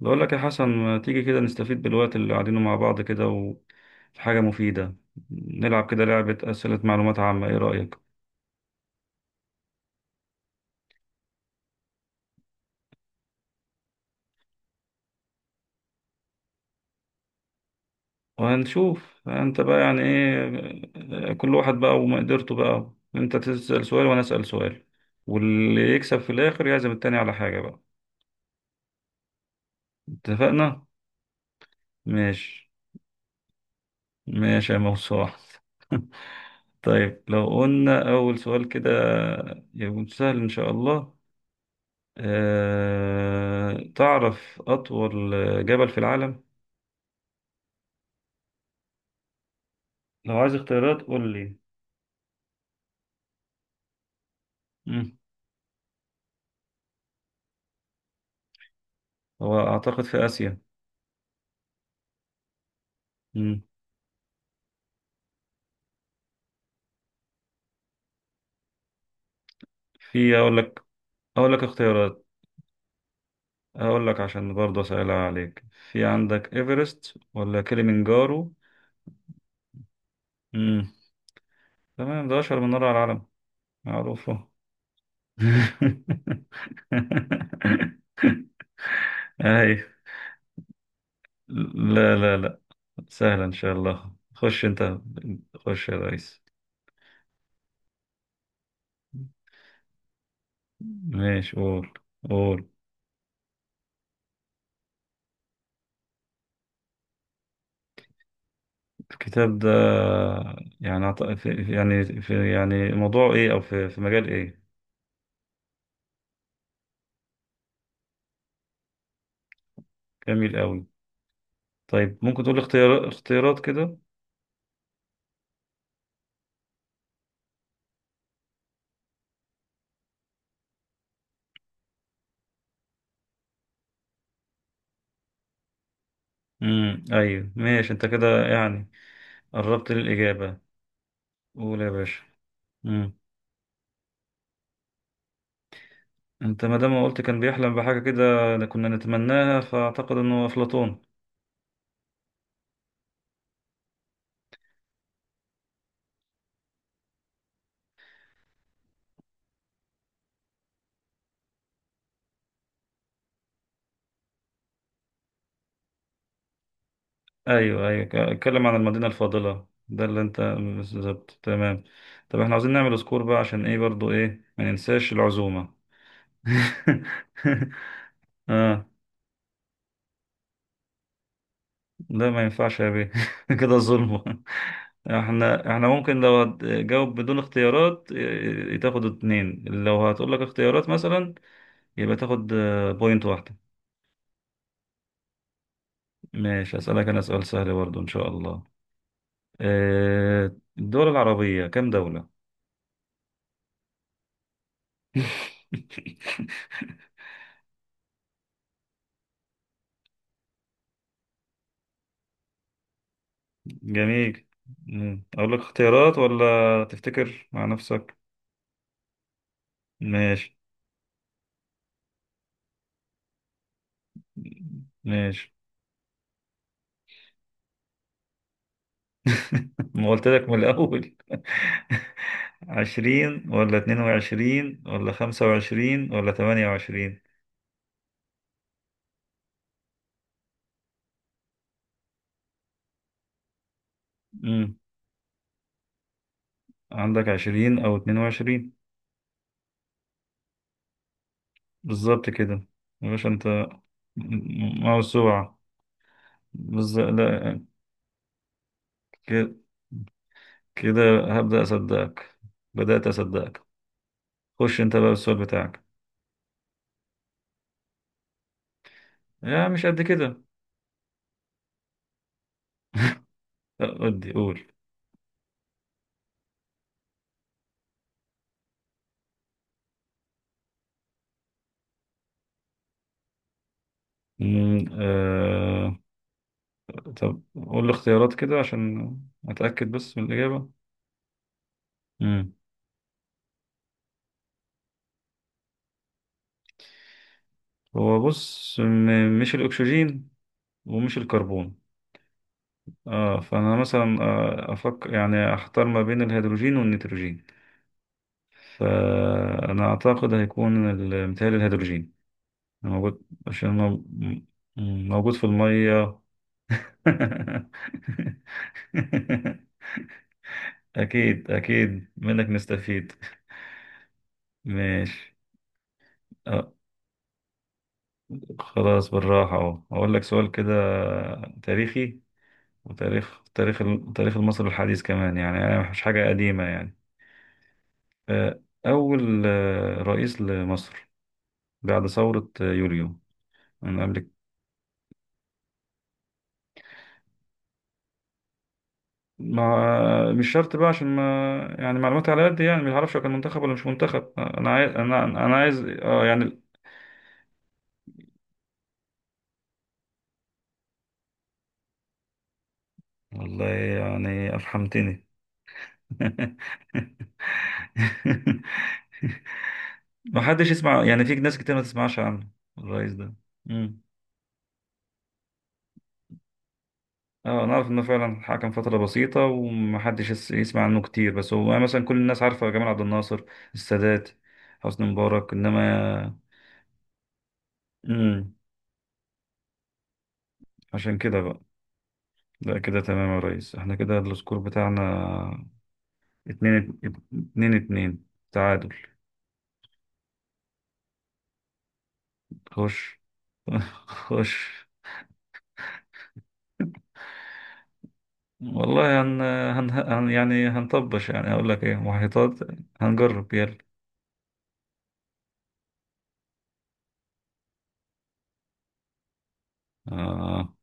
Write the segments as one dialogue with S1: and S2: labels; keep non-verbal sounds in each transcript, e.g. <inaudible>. S1: بقول لك يا حسن، ما تيجي كده نستفيد بالوقت اللي قاعدينه مع بعض كده، وفي حاجة مفيدة نلعب كده لعبة أسئلة معلومات عامة. إيه رأيك؟ وهنشوف أنت بقى يعني إيه كل واحد بقى، وما قدرته بقى. أنت تسأل سؤال وأنا أسأل سؤال، واللي يكسب في الآخر يعزم التاني على حاجة بقى. اتفقنا؟ ماشي. ماشي يا موسوعة. <laughs> طيب لو قلنا أول سؤال كده يكون سهل إن شاء الله. تعرف أطول جبل في العالم؟ لو عايز اختيارات قول لي. مم. هو أعتقد في آسيا. مم. أقول لك، أقول لك اختيارات، أقول لك عشان برضه أسهلها عليك. في عندك إيفرست ولا كليمنجارو؟ مم. تمام، ده أشهر من نار على العالم. معروفة. <laughs> أي. لا لا لا، سهلة إن شاء الله. خش أنت. خش يا ريس. ماشي، قول. الكتاب ده يعني يعني في، يعني موضوع ايه، او في مجال ايه؟ جميل قوي. طيب ممكن تقول اختيارات كده. ايوه ماشي انت كده، يعني قربت للاجابه. قول يا باشا. امم انت ما دام ما قلت كان بيحلم بحاجه كده كنا نتمناها، فاعتقد انه افلاطون. ايوه ايوه، اتكلم عن المدينه الفاضله، ده اللي انت، بالظبط. تمام. طب احنا عاوزين نعمل سكور بقى، عشان ايه برضو، ايه، ما ننساش العزومه. <laughs> اه، لا ما ينفعش يا بيه، <laughs> كده ظلم. احنا ممكن لو هتجاوب بدون اختيارات تاخد اتنين، لو هتقول لك اختيارات مثلا يبقى تاخد بوينت واحدة. ماشي، اسألك انا سؤال سهل برضو ان شاء الله. الدول العربية كام دولة؟ <laughs> جميل. مم. اقول لك اختيارات ولا تفتكر مع نفسك؟ ماشي. ماشي. <laughs> ما قلت لك من الأول. <laughs> 20 ولا 22 ولا 25 ولا 28؟ مم. عندك 20 أو 22. بالظبط كده يا باشا أنت. موسوعة، بالظبط. لا. ك- كده هبدأ أصدقك. بدأت أصدقك. خش أنت بقى بالسؤال بتاعك. يا مش قد كده. لا، ودي قول. مم، آه... طب قول الاختيارات كده عشان أتأكد بس من الإجابة. هو بص مش الأكسجين ومش الكربون. اه فأنا مثلا أفكر، يعني أحتار ما بين الهيدروجين والنيتروجين. فأنا أعتقد هيكون متهيألي الهيدروجين موجود، عشان موجود في المية. <laughs> أكيد أكيد منك نستفيد. ماشي. آه خلاص بالراحة أهو، أقول لك سؤال كده تاريخي. وتاريخ تاريخ التاريخ المصري الحديث كمان، يعني مش حاجة قديمة يعني. آه، أول رئيس لمصر بعد ثورة يوليو من قبل. ما مش شرط بقى عشان ما، يعني معلوماتي على قد، يعني ما اعرفش هو كان منتخب ولا مش منتخب. انا عايز، انا عايز يعني. والله يعني افحمتني. <laughs> ما حدش يسمع، يعني في ناس كتير ما تسمعش عنه الرئيس ده. مم. اه، انا عارف انه فعلا حكم فترة بسيطة، ومحدش يسمع عنه كتير، بس هو يعني مثلا كل الناس عارفة جمال عبد الناصر، السادات، حسني مبارك، انما. امم عشان كده بقى. لا كده تمام يا ريس، احنا كده السكور بتاعنا اتنين اتنين. اتنين، تعادل. خش، <laughs> خش. والله يعني هنطبش، يعني هقول لك ايه، محيطات، هنجرب يلا. آه.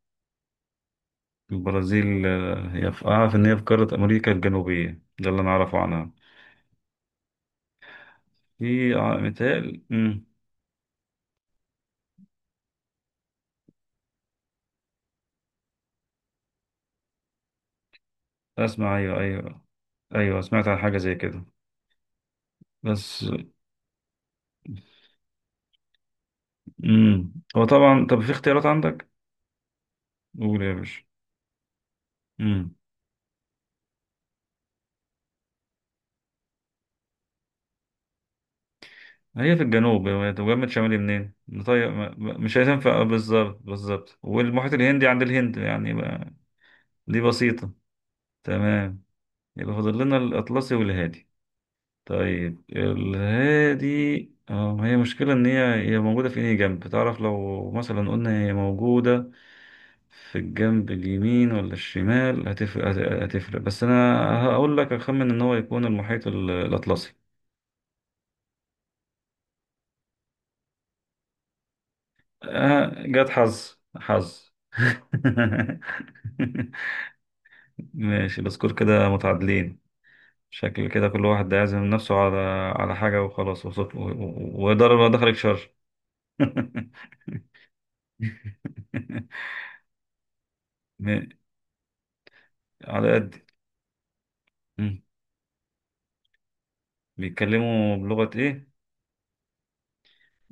S1: البرازيل، هي في أعرف إن هي في قارة أمريكا الجنوبية، ده اللي أنا أعرفه عنها. متهيألي أسمع. أيوه أيوه، أيوه سمعت عن حاجة زي كده. بس هو طبعا، طب في اختيارات عندك؟ قول يا باشا. أمم هي في الجنوب، هي جنب شمالي منين؟ طيب مش هتنفع، بالظبط بالظبط، والمحيط الهندي عند الهند يعني دي بسيطة. تمام، يبقى فاضل لنا الأطلسي والهادي. طيب الهادي، اه، هي مشكلة إن هي موجودة في أي جنب، تعرف لو مثلا قلنا هي موجودة في الجنب اليمين ولا الشمال هتفرق، هتفرق، بس أنا هقول لك أخمن إن هو يكون المحيط الأطلسي. آه جت حظ حظ. <laughs> ماشي، السكور كده متعادلين. شكل كده كل واحد هيعزم نفسه على حاجة وخلاص، ويضرب ما دخلك شر. <laughs> <laughs> ماشي. على قد. مم. بيتكلموا بلغة إيه؟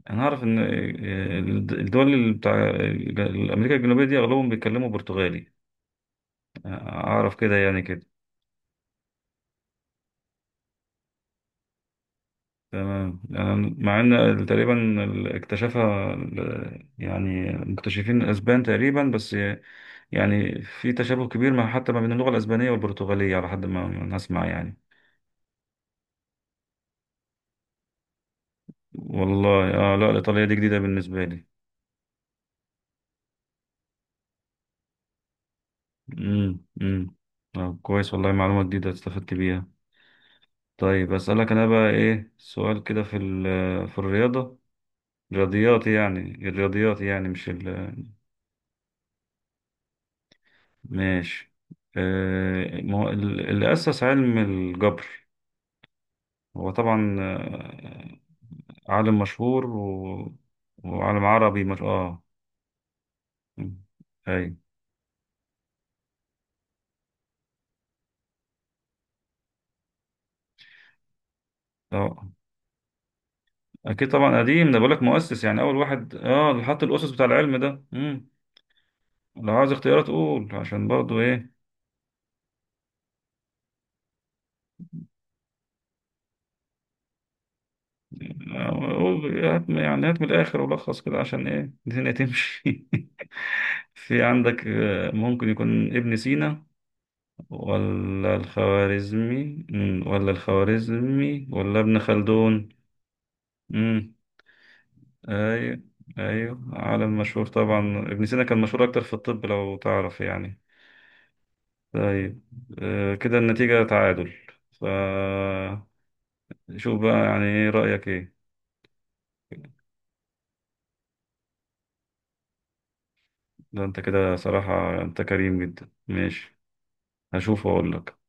S1: أنا أعرف إن الدول اللي بتاع أمريكا الجنوبية دي أغلبهم بيتكلموا برتغالي. أعرف كده، يعني كده. تمام، يعني مع إن تقريبا اكتشفها يعني مكتشفين الأسبان تقريبا، بس يعني في تشابه كبير، ما حتى ما بين اللغة الأسبانية والبرتغالية، على حد ما ما نسمع يعني. والله لا، الإيطالية دي جديدة بالنسبة لي. امم امم كويس، والله معلومة جديدة استفدت بيها. طيب أسألك أنا بقى إيه سؤال كده في الرياضة. الرياضيات يعني مش ال. ماشي، ما هو اللي أسس علم الجبر. هو طبعا عالم مشهور، و... وعالم عربي، مش مم. أي آه. أكيد طبعا قديم، ده بقولك مؤسس، يعني أول واحد اللي حط الأسس بتاع العلم ده. مم. لو عايز اختيارات قول عشان برضو إيه. هات يعني هات من الآخر، ولخص كده عشان إيه الدنيا تمشي. <laughs> في عندك ممكن يكون ابن سينا، ولا الخوارزمي ولا ابن خلدون؟ امم، ايوه ايوه، عالم مشهور طبعا. ابن سينا كان مشهور اكتر في الطب لو تعرف يعني. طيب كده النتيجة تعادل. ف شوف بقى، يعني ايه رأيك، ايه؟ ده انت كده صراحة انت كريم جدا. ماشي، هشوف واقول لك.